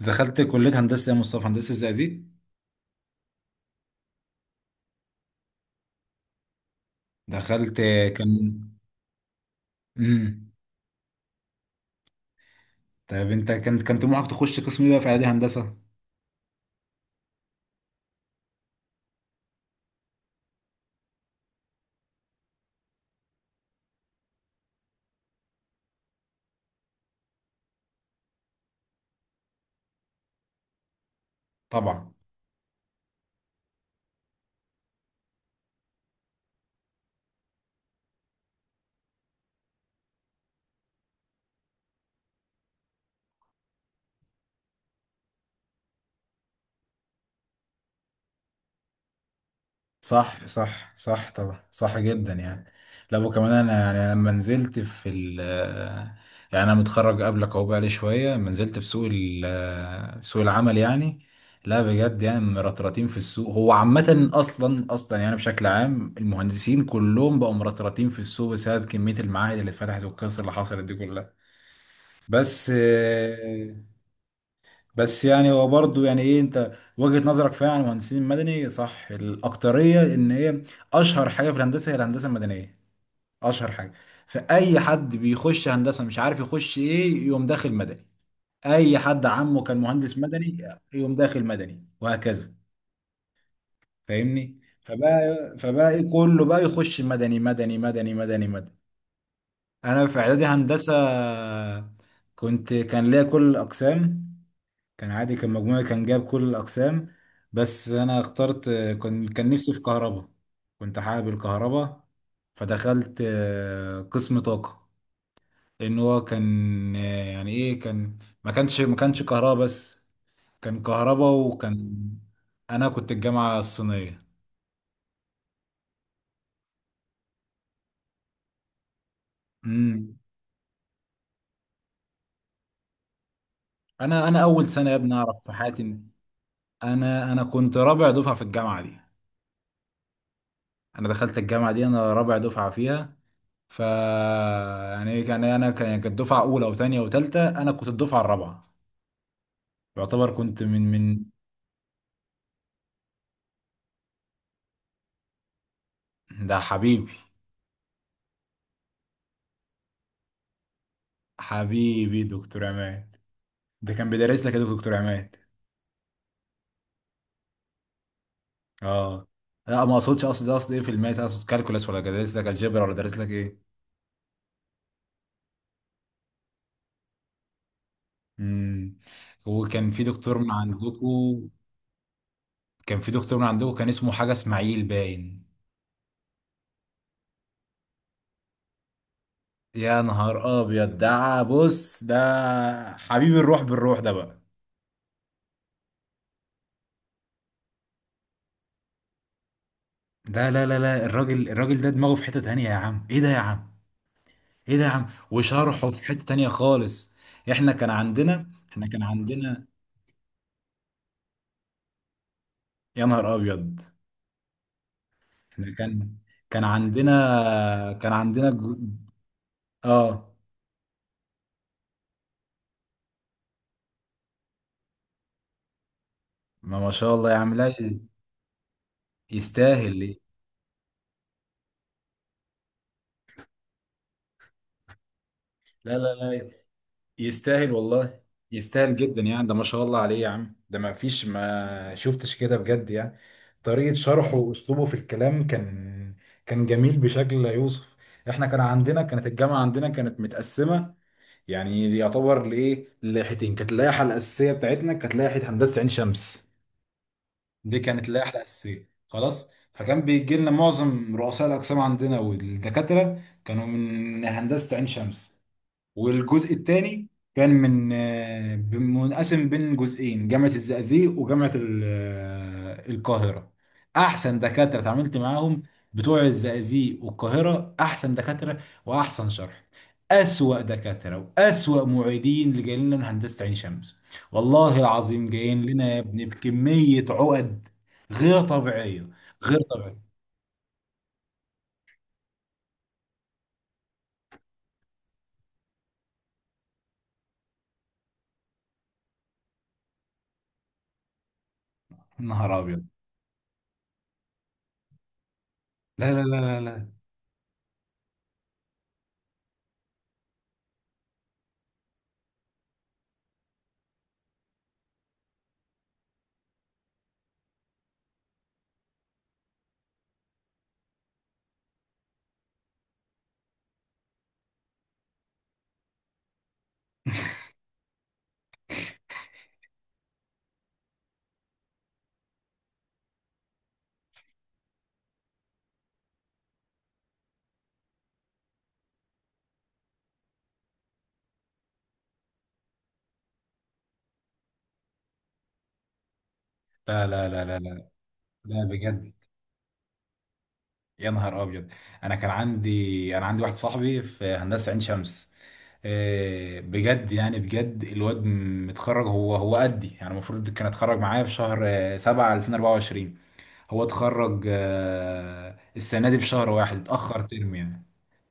دخلت كلية هندسة يا مصطفى، هندسة زقازيق. دخلت. كان. امم طيب انت كان طموحك تخش قسم ايه بقى في اعدادي هندسة؟ طبعا، صح صح صح، طبعا صح جدا يعني. لا وكمان انا، يعني لما نزلت في يعني انا متخرج قبلك اهو، بقالي شويه لما نزلت في سوق العمل يعني. لا بجد يعني مرطرطين في السوق، هو عامه اصلا يعني بشكل عام المهندسين كلهم بقوا مرطرطين في السوق، بسبب كميه المعاهد اللي اتفتحت والقصه اللي حصلت دي كلها. بس بس يعني هو برضه يعني ايه، انت وجهة نظرك فعلا عن المهندسين المدني، صح الاكترية ان هي اشهر حاجة في الهندسة هي الهندسة المدنية، اشهر حاجة. فاي حد بيخش هندسة مش عارف يخش ايه يقوم داخل مدني، اي حد عمه كان مهندس مدني يقوم داخل مدني، وهكذا. فاهمني؟ فبقى ايه كله بقى يخش مدني مدني مدني مدني مدني. انا في اعدادي هندسة كنت، ليا كل الاقسام، كان عادي كان مجموعي كان جاب كل الأقسام. بس أنا اخترت، كان نفسي في كهرباء، كنت حابب الكهرباء. فدخلت قسم طاقة، لأن هو كان يعني إيه كان، ما كانش كهرباء بس، كان كهرباء وكان. أنا كنت الجامعة الصينية. امم أنا أول سنة يا ابني أعرف في حياتي إن، أنا كنت رابع دفعة في الجامعة دي، أنا دخلت الجامعة دي أنا رابع دفعة فيها. ف يعني ايه كان، يعني انا كانت دفعه اولى وثانيه وثالثه، انا كنت الدفعه الرابعه، يعتبر كنت من ده حبيبي، حبيبي دكتور عماد. ده كان بيدرس لك يا دكتور عماد؟ اه. لا ما اقصدش، اقصد ايه في الماس، اقصد كالكولاس ولا درس لك الجبر ولا درس لك ايه؟ امم وكان في دكتور من عندكم، كان في دكتور من عندكم كان اسمه حاجه اسماعيل باين. يا نهار ابيض، ده بص، ده حبيب الروح بالروح ده بقى. لا لا لا لا، الراجل ده دماغه في حتة تانية يا عم، ايه ده يا عم، ايه ده يا عم، وشرحه في حتة تانية خالص. احنا كان عندنا. يا نهار ابيض، احنا كان، كان عندنا جو... اه. ما ما شاء الله يا عم، لا يستاهل ليه؟ لا لا لا، يستاهل والله، يستاهل جدا يعني، ده ما شاء الله عليه يا عم، ده ما فيش ما شفتش كده بجد يعني. طريقة شرحه واسلوبه في الكلام كان، كان جميل بشكل لا يوصف. احنا كان عندنا كانت الجامعة عندنا كانت متقسمة، يعني يعتبر لايه، لائحتين. كانت اللائحة الأساسية بتاعتنا كانت لائحة هندسة عين شمس، دي كانت اللائحة الأساسية خلاص. فكان بيجي لنا معظم رؤساء الأقسام عندنا والدكاترة كانوا من هندسة عين شمس. والجزء الثاني كان من منقسم بين جزئين، جامعة الزقازيق وجامعة القاهرة. أحسن دكاترة اتعاملت معاهم بتوع الزقازيق والقاهرة، أحسن دكاترة وأحسن شرح. أسوأ دكاترة وأسوأ معيدين اللي جايين لنا من هندسة عين شمس، والله العظيم جايين لنا يا ابني بكمية عقد غير طبيعية، غير طبيعية. نهار أبيض. لا لا لا لا لا لا لا لا لا لا، لا بجد. يا نهار ابيض، انا كان عندي، انا عندي واحد صاحبي في هندسه عين شمس، بجد يعني بجد، الواد متخرج هو، هو قدي يعني، المفروض كان اتخرج معايا في شهر 7 2024، هو اتخرج السنه دي بشهر واحد، اتاخر ترم يعني.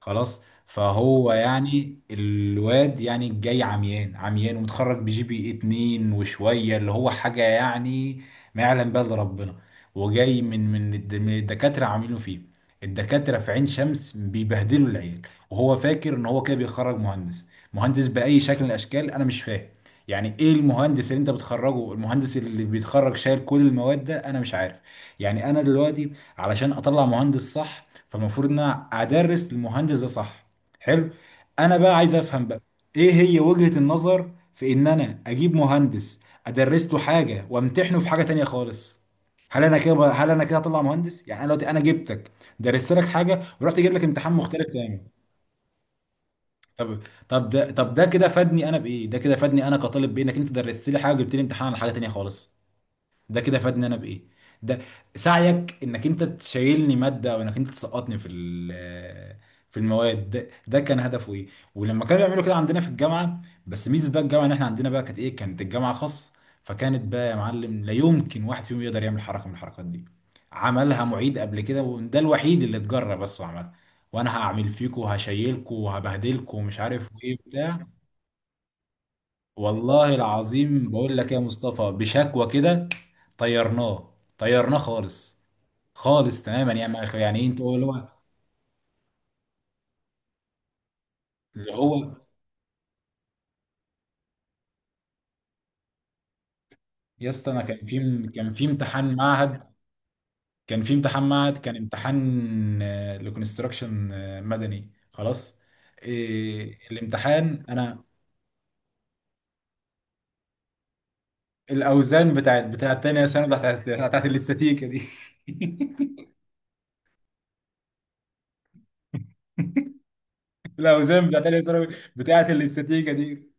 خلاص، فهو يعني الواد يعني جاي عميان عميان، ومتخرج بجي بي اتنين وشوية، اللي هو حاجة يعني ما يعلم بها الا ربنا. وجاي من من الدكاترة عاملينه فيه، الدكاترة في عين شمس بيبهدلوا العيال. وهو فاكر ان هو كده بيخرج مهندس، مهندس بأي شكل من الاشكال؟ انا مش فاهم يعني ايه المهندس اللي انت بتخرجه، المهندس اللي بيتخرج شايل كل المواد ده؟ انا مش عارف. يعني انا دلوقتي علشان اطلع مهندس صح، فالمفروض ان انا ادرس للمهندس ده صح، حلو. انا بقى عايز افهم بقى، ايه هي وجهة النظر في ان انا اجيب مهندس ادرس له حاجه وامتحنه في حاجه تانية خالص؟ هل انا كده هطلع مهندس؟ يعني انا دلوقتي، انا جبتك درست لك حاجه ورحت اجيب لك امتحان مختلف تاني. طب طب طب ده كده فادني انا بايه؟ ده كده فادني انا كطالب بانك انت درست لي حاجه وجبت لي امتحان على حاجه تانية خالص؟ ده كده فادني انا بايه؟ ده سعيك انك انت تشيلني ماده، او انك انت تسقطني في في المواد ده، ده كان هدفه ايه؟ ولما كانوا يعملوا كده عندنا في الجامعه، بس ميزه بقى الجامعه ان احنا عندنا بقى كانت ايه، كانت الجامعه خاص. فكانت بقى يا معلم لا يمكن واحد فيهم يقدر يعمل حركه من الحركات دي. عملها معيد قبل كده، وده الوحيد اللي اتجرى بس وعملها، وانا هعمل فيكم وهشيلكم وهبهدلكم ومش عارف ايه بتاع. والله العظيم بقول لك يا مصطفى، بشكوى كده طيرناه، طيرناه خالص، خالص تماما يعني. يعني ايه انت، هو اللي هو اللي هو. يا اسطى، انا كان في، كان في امتحان معهد، كان في امتحان معهد كان امتحان لكونستراكشن مدني خلاص. إيه الامتحان؟ انا الاوزان بتاعت تانية ثانوي بتاعت الاستاتيكا دي. الاوزان بتاعت تانية ثانوي، بتاعت الاستاتيكا دي.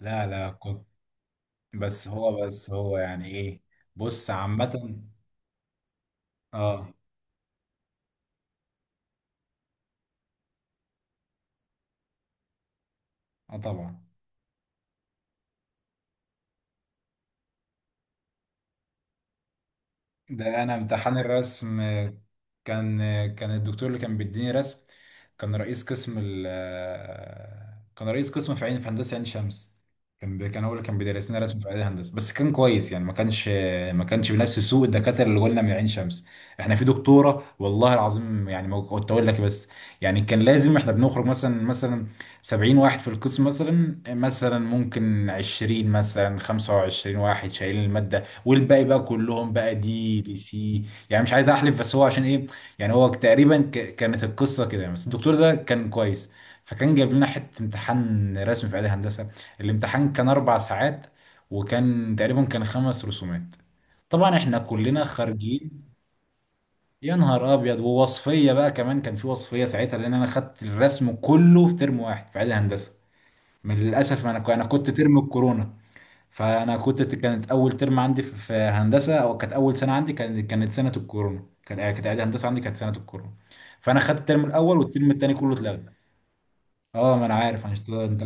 لا لا كنت، بس هو، بس هو يعني ايه، بص عامة. اه، اه طبعا. ده انا امتحان الرسم كان، كان الدكتور اللي كان بيديني رسم كان رئيس قسم كان رئيس قسم في عين، في هندسه عين شمس. كان هو اللي كان بيدرس لنا رسم في عين هندسه، بس كان كويس يعني، ما كانش بنفس سوء الدكاتره اللي قلنا من عين شمس. احنا في دكتوره والله العظيم يعني ما كنت اقول لك بس، يعني كان لازم احنا بنخرج مثلا 70 واحد في القسم، مثلا ممكن 20 مثلا 25 واحد شايلين الماده، والباقي بقى كلهم بقى دي لي سي. يعني مش عايز احلف بس هو عشان ايه، يعني هو تقريبا كانت القصه كده يعني. بس الدكتور ده كان كويس، فكان جايب لنا حته امتحان رسم في اعدادي هندسه، الامتحان كان اربع ساعات، وكان تقريبا كان خمس رسومات، طبعا احنا كلنا خارجين. يا نهار ابيض، ووصفيه بقى كمان، كان في وصفيه ساعتها، لان انا خدت الرسم كله في ترم واحد في اعدادي هندسه، من للاسف انا، كنت ترم الكورونا. فانا كنت، كانت اول ترم عندي في في هندسه، او كانت اول سنه عندي كانت، كانت سنه الكورونا، كانت، كانت اعدادي هندسه عندي كانت سنه الكورونا. فانا خدت الترم الاول والترم الثاني كله اتلغى. اه، ما انا عارف انت، انت.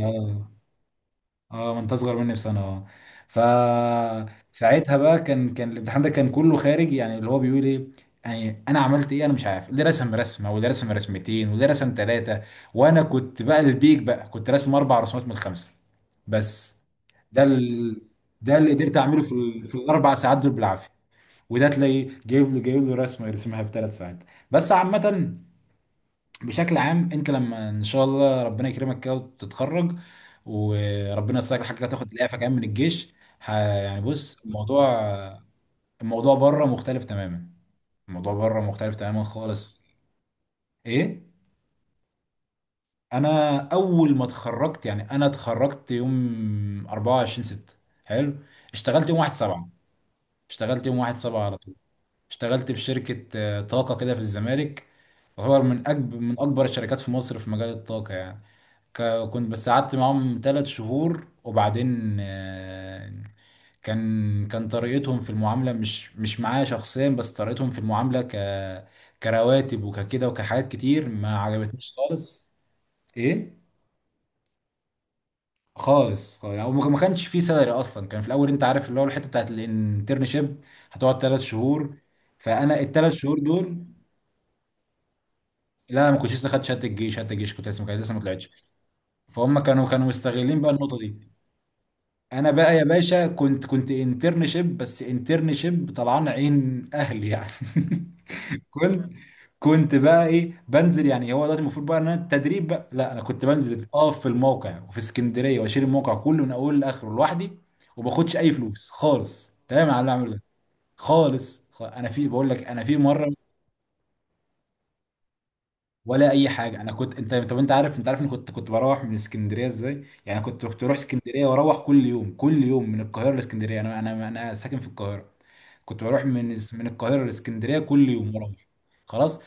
اه ما انت اصغر مني بسنه، اه. فساعتها بقى كان، كان الامتحان ده كان كله خارج، يعني اللي هو بيقول ايه، يعني انا عملت ايه، انا مش عارف، اللي رسم رسمه، واللي رسم رسمتين، واللي رسم ثلاثه، وانا كنت بقى البيك بقى، كنت راسم اربع رسومات من الخمسه بس. ده ال... ده اللي قدرت اعمله في في الاربع ساعات دول بالعافيه، وده تلاقيه جايب له، جايب له رسمه يرسمها في ثلاث ساعات بس. عامه، بشكل عام، انت لما ان شاء الله ربنا يكرمك كده وتتخرج، وربنا يسهل حاجه تاخد الاعفاء كمان من الجيش، يعني بص الموضوع، الموضوع بره مختلف تماما، الموضوع بره مختلف تماما خالص. ايه؟ انا اول ما اتخرجت يعني، انا اتخرجت يوم 24 6، حلو، اشتغلت يوم 1 7، اشتغلت يوم 1 7 على طول. اشتغلت في شركه طاقه كده في الزمالك، تعتبر من اكبر، من اكبر الشركات في مصر في مجال الطاقه يعني. ك- كنت بس قعدت معاهم ثلاث شهور وبعدين كان، طريقتهم في المعاملة، مش معايا شخصيا، بس طريقتهم في المعاملة ك، كرواتب وككده وكحاجات كتير ما عجبتنيش خالص. ايه؟ خالص خالص. يعني ما كانش في سالري اصلا. كان في الاول انت عارف اللي هو الحته بتاعت الانترنشيب، هتقعد ثلاث شهور. فانا الثلاث شهور دول، لا ما كنتش لسه خدت شهاده الجيش، شهاده الجيش كنت لسه ما كانت لسه ما طلعتش. فهم كانوا، كانوا مستغلين بقى النقطه دي. انا بقى يا باشا كنت، كنت انترنشيب، بس انترنشيب طلعان عين اهلي يعني. كنت، كنت بقى ايه، بنزل يعني، هو دلوقتي المفروض بقى ان انا التدريب بقى، لا انا كنت بنزل اقف في الموقع وفي اسكندريه، واشيل الموقع كله من اوله لاخره لوحدي، وما باخدش اي فلوس خالص تمام على اللي اعمله ده، خالص. انا في، بقول لك انا في مره، ولا اي حاجه. انا كنت، انت طب انت عارف، انت عارف اني كنت، كنت بروح من اسكندريه ازاي يعني، كنت، كنت اروح اسكندريه، واروح كل يوم كل يوم من القاهره لاسكندريه، انا، انا ساكن في القاهره. كنت بروح من من القاهره لاسكندريه كل يوم، مروح خلاص.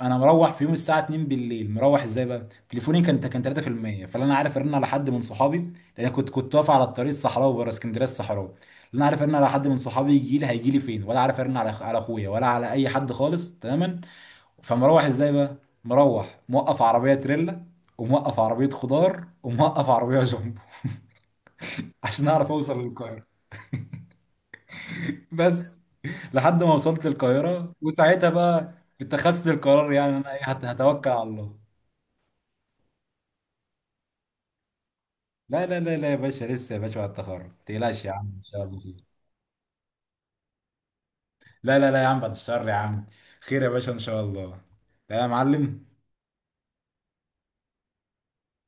انا مروح في يوم الساعه 2 بالليل، مروح ازاي بقى؟ تليفوني كان، كان 3%، فلا انا عارف ارن على حد من صحابي، لان أنا كنت، كنت واقف على الطريق الصحراوي بره اسكندريه الصحراوي. لا انا عارف ارن على حد من صحابي يجي لي، هيجي لي فين، ولا عارف ارن على على اخويا، ولا على اي حد خالص تماما. فمروح ازاي بقى؟ مروح موقف عربيه تريلا، وموقف عربيه خضار، وموقف عربيه جنبو عشان اعرف اوصل للقاهره بس، لحد ما وصلت القاهرة، وساعتها بقى اتخذت القرار يعني. انا إيه، هتوكل على الله. لا لا لا لا يا باشا، لسه يا باشا، بعد التخرج ما تقلقش يا عم، ان شاء الله خير. لا لا لا يا عم بعد الشهر يا عم، خير يا باشا ان شاء الله. لا يا معلم.